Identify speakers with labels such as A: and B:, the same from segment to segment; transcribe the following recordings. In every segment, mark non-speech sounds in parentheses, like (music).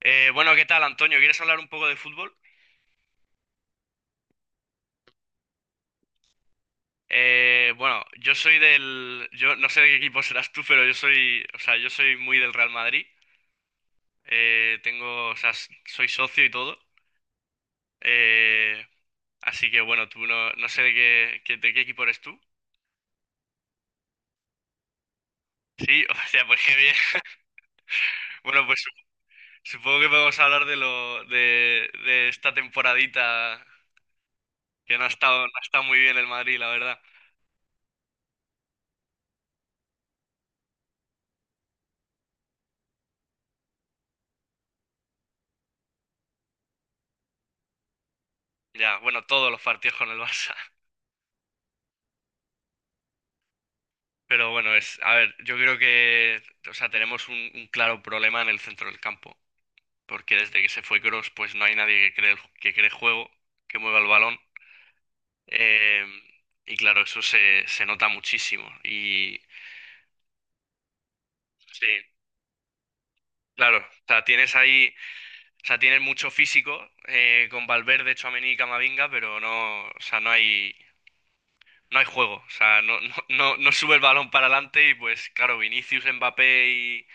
A: Bueno, ¿Qué tal, Antonio? ¿Quieres hablar un poco de fútbol? Bueno, yo no sé de qué equipo serás tú, pero yo soy muy del Real Madrid. Soy socio y todo. Eh, así que bueno, tú no, no sé de qué equipo eres tú. Sí, (laughs) o sea, pues qué bien. Bueno, supongo que podemos hablar de esta temporadita que no ha estado muy bien el Madrid, la verdad. Ya, bueno, todos los partidos con el Barça. Pero bueno, es, a ver, yo creo que, o sea, tenemos un claro problema en el centro del campo, porque desde que se fue Kroos, pues no hay nadie que cree, que cree juego, que mueva el balón, eh, y claro, eso se, se nota muchísimo. Y sí, claro, o sea, tienes ahí, o sea, tienes mucho físico con Valverde, Tchouaméni y Camavinga, pero no, o sea, no hay, no hay juego, o sea, no, (laughs) no, no, no sube el balón para adelante y pues claro, Vinicius, Mbappé y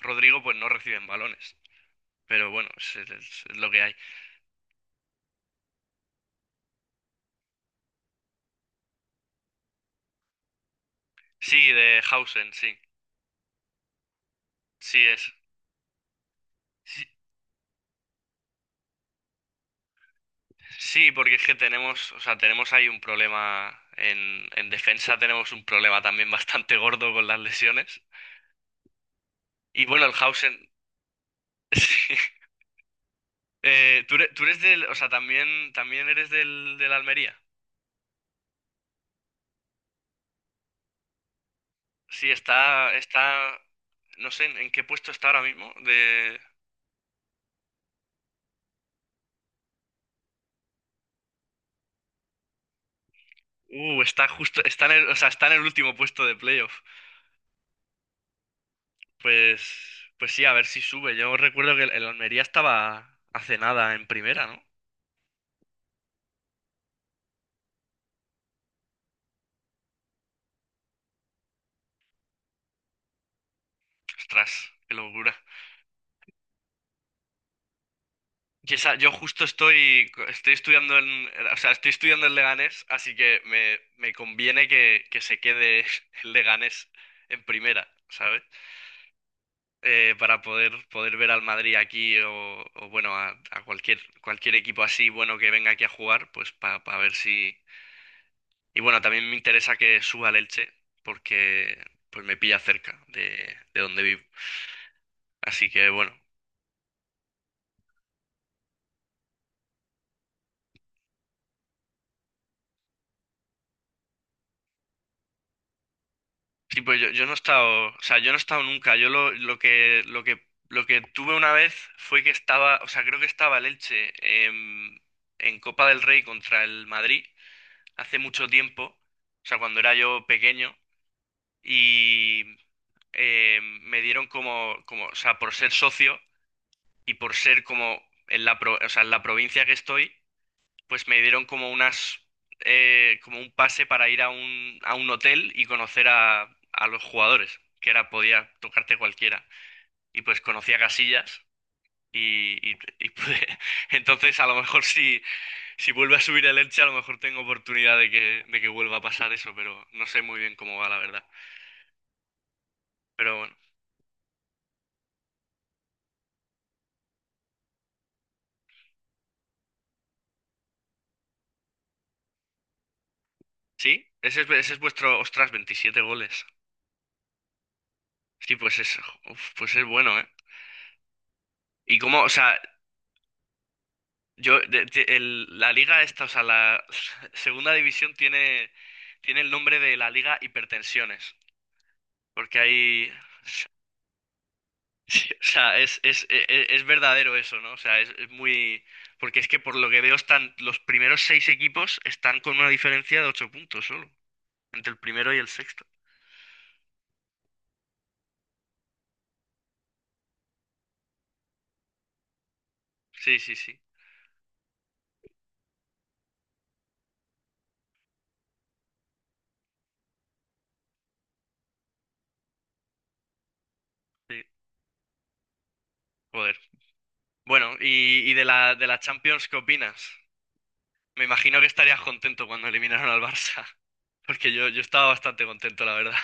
A: Rodrigo, pues no reciben balones. Pero bueno, es, es lo que hay. Sí, de Hausen, sí. Sí es. Sí, sí, porque es que tenemos, o sea, tenemos ahí un problema en defensa, tenemos un problema también (laughs) bastante gordo con las lesiones. Y bueno, el Hausen, (laughs) sí. Tú eres del, o sea, también, también eres del, del Almería. Sí, está, está, no sé en qué puesto está ahora mismo. De, está justo, está en el, o sea, está en el último puesto de playoff. Pues, pues sí, a ver si sube. Yo recuerdo que el Almería estaba hace nada en primera, ¿no? Ostras, qué locura. Yo justo estoy, estoy estudiando en, o sea, estoy estudiando en Leganés, así que me conviene que se quede (laughs) el Leganés en primera, ¿sabes? Poder ver al Madrid aquí o bueno, a cualquier, cualquier equipo así bueno que venga aquí a jugar, pues para ver si, y bueno, también me interesa que suba el Elche, porque pues me pilla cerca de donde vivo. Así que bueno. Sí, pues yo no he estado, o sea, yo no he estado nunca. Yo lo que, lo que, Lo que tuve una vez fue que estaba, o sea, creo que estaba el Elche en, en Copa del Rey contra el Madrid hace mucho tiempo, o sea, cuando era yo pequeño, y me dieron como, como, o sea, por ser socio y por ser como en la, o sea, en la provincia que estoy. Pues me dieron como unas, como un pase para ir a un hotel y conocer a los jugadores, que era, podía tocarte cualquiera. Y pues conocí a Casillas y pude. (laughs) Entonces, a lo mejor si, si vuelve a subir el Elche, a lo mejor tengo oportunidad de que vuelva a pasar eso, pero no sé muy bien cómo va, la verdad. Pero bueno, sí, ese es vuestro, ostras, 27 goles. Sí, pues es, uf, pues es bueno, ¿eh? ¿Y cómo, o sea, yo, la liga esta, o sea, la (laughs) segunda división tiene, tiene el nombre de la liga hipertensiones, porque hay, (laughs) sí, o sea, es, es verdadero eso, ¿no? O sea, es muy, porque es que por lo que veo están, los primeros seis equipos están con una diferencia de ocho puntos solo, entre el primero y el sexto. Sí, sí, sí, sí, joder. Bueno, y de la Champions, ¿qué opinas? Me imagino que estarías contento cuando eliminaron al Barça, (laughs) porque yo estaba bastante contento, la verdad.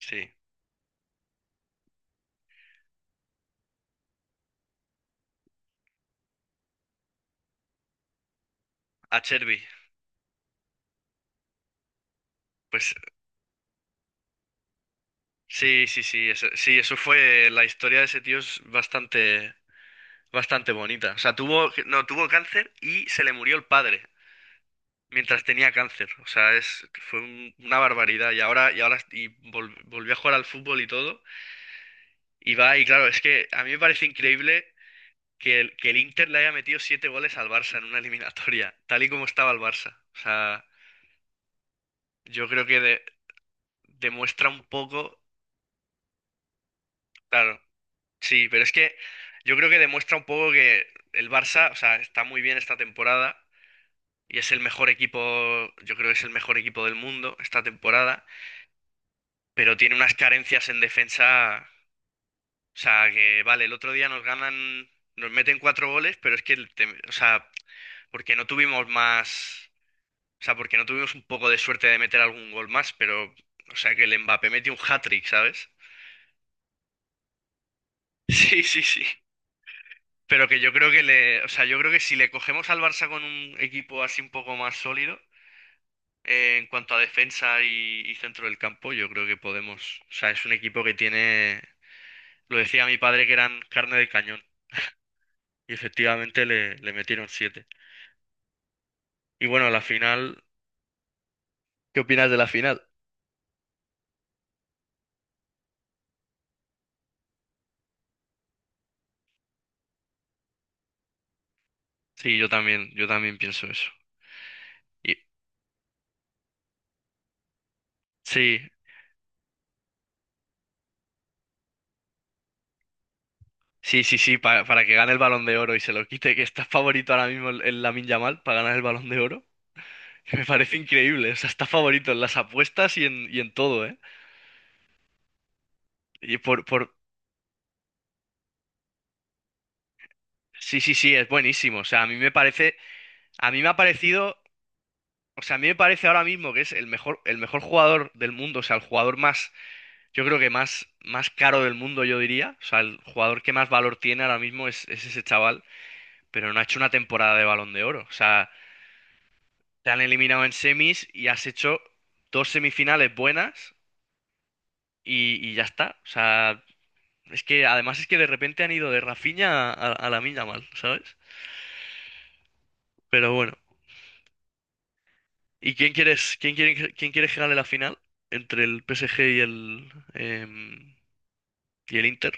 A: (laughs) Sí. A Cherby. Pues sí, sí, sí, eso fue, la historia de ese tío es bastante, bastante bonita. O sea, tuvo, no, tuvo cáncer y se le murió el padre mientras tenía cáncer. O sea, es, una barbaridad. Y ahora, y ahora, y volvió a jugar al fútbol y todo. Y va, y claro, es que a mí me parece increíble que el Inter le haya metido siete goles al Barça en una eliminatoria, tal y como estaba el Barça. O sea, yo creo que demuestra un poco, claro. Sí, pero es que yo creo que demuestra un poco que el Barça, o sea, está muy bien esta temporada y es el mejor equipo, yo creo que es el mejor equipo del mundo esta temporada, pero tiene unas carencias en defensa, o sea, que vale, el otro día nos ganan, nos meten cuatro goles, pero es que, o sea, porque no tuvimos más, o sea, porque no tuvimos un poco de suerte de meter algún gol más, pero, o sea, que el Mbappé metió un hat-trick, ¿sabes? (laughs) Sí, sí, sí. Pero que yo creo que le, o sea, yo creo que si le cogemos al Barça con un equipo así un poco más sólido, en cuanto a defensa y centro del campo, yo creo que podemos. O sea, es un equipo que tiene, lo decía mi padre que eran carne de cañón. Y efectivamente le, le metieron siete. Y bueno, la final, ¿qué opinas de la final? Sí, yo también pienso eso. Y sí, sí, sí, sí, para que gane el Balón de Oro y se lo quite, que está favorito ahora mismo el, la Lamine Yamal para ganar el Balón de Oro. (laughs) Me parece increíble, o sea, está favorito en las apuestas y en todo, ¿eh? Y por... Sí, sí, sí, es buenísimo, o sea, a mí me parece, a mí me ha parecido, o sea, a mí me parece ahora mismo que es el mejor jugador del mundo, o sea, el jugador más, yo creo que más, más caro del mundo, yo diría, o sea, el jugador que más valor tiene ahora mismo es ese chaval, pero no ha hecho una temporada de Balón de Oro, o sea, te han eliminado en semis y has hecho dos semifinales buenas y ya está, o sea... Es que además es que de repente han ido de Rafinha a mal, ¿sabes? Pero bueno. ¿Y quién quieres, quién quiere, quién quiere que gane la final? Entre el PSG y y el Inter.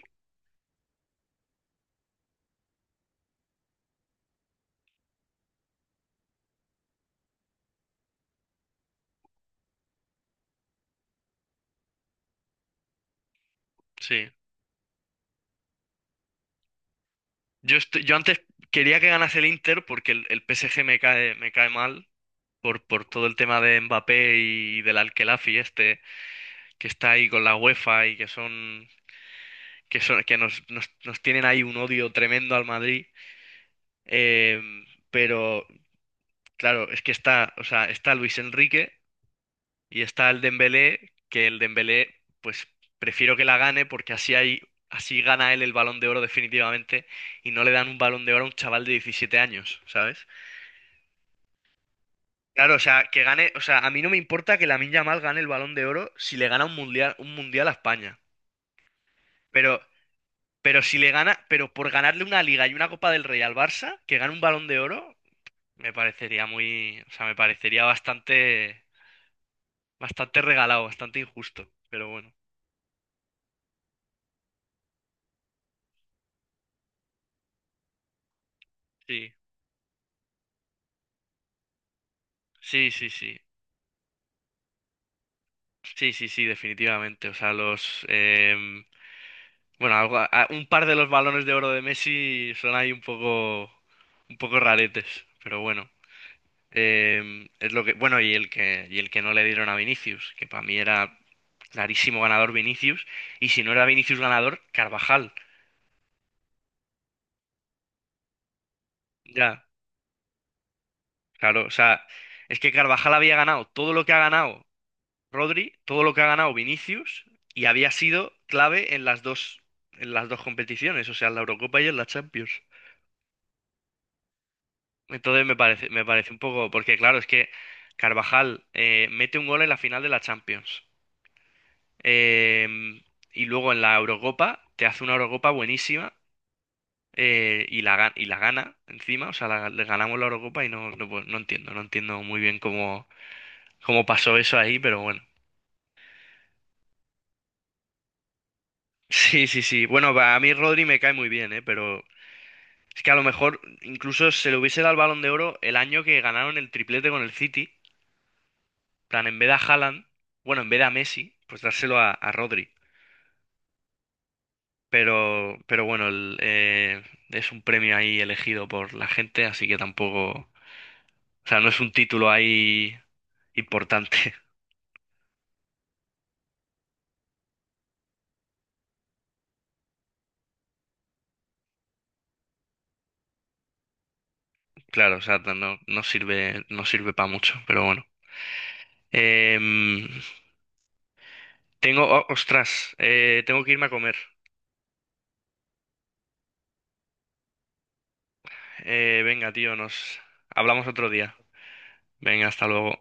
A: Sí. Yo antes quería que ganase el Inter porque el PSG me cae mal por todo el tema de Mbappé y del Al-Khelafi este que está ahí con la UEFA y que son que son que nos, nos, nos tienen ahí un odio tremendo al Madrid. Em, pero claro, es que está, o sea, está Luis Enrique y está el Dembélé, que el Dembélé, pues prefiero que la gane porque así hay, así gana él el Balón de Oro definitivamente y no le dan un Balón de Oro a un chaval de 17 años, ¿sabes? Claro, o sea, que gane, o sea, a mí no me importa que Lamine Yamal gane el Balón de Oro si le gana un mundial a España. Pero, pero si le gana, pero por ganarle una Liga y una Copa del Rey al Barça, que gane un Balón de Oro, me parecería muy, o sea, me parecería bastante bastante regalado, bastante injusto, pero bueno, sí, sí, sí, sí, sí, sí, sí, definitivamente. O sea, los, bueno, un par de los balones de oro de Messi son ahí un poco raretes, pero bueno, es lo que, bueno, y el que no le dieron a Vinicius, que para mí era clarísimo ganador Vinicius, y si no era Vinicius ganador, Carvajal. Ya, claro, o sea, es que Carvajal había ganado todo lo que ha ganado Rodri, todo lo que ha ganado Vinicius y había sido clave en las dos competiciones, o sea, en la Eurocopa y en la Champions. Entonces me parece un poco, porque claro, es que Carvajal mete un gol en la final de la Champions. Eh, y luego en la Eurocopa te hace una Eurocopa buenísima, y la, y la gana encima, o sea, la- le ganamos la Eurocopa y no, no, pues, no entiendo, no entiendo muy bien cómo, cómo pasó eso ahí, pero bueno. (laughs) Sí, sí, sí. Bueno, a mí Rodri me cae muy bien, ¿eh? Pero es que a lo mejor incluso se le hubiese dado el Balón de Oro el año que ganaron el triplete con el City. En plan, en vez de a Haaland, bueno, en vez de a Messi, pues dárselo a Rodri. Pero bueno, es un premio ahí elegido por la gente, así que tampoco. O sea, no es un título ahí importante. (laughs) Claro, o sea, no, no sirve, no sirve para mucho, pero bueno. Em, Tengo. Oh, ostras, tengo que irme a comer. Venga, tío, nos hablamos otro día. Venga, hasta luego.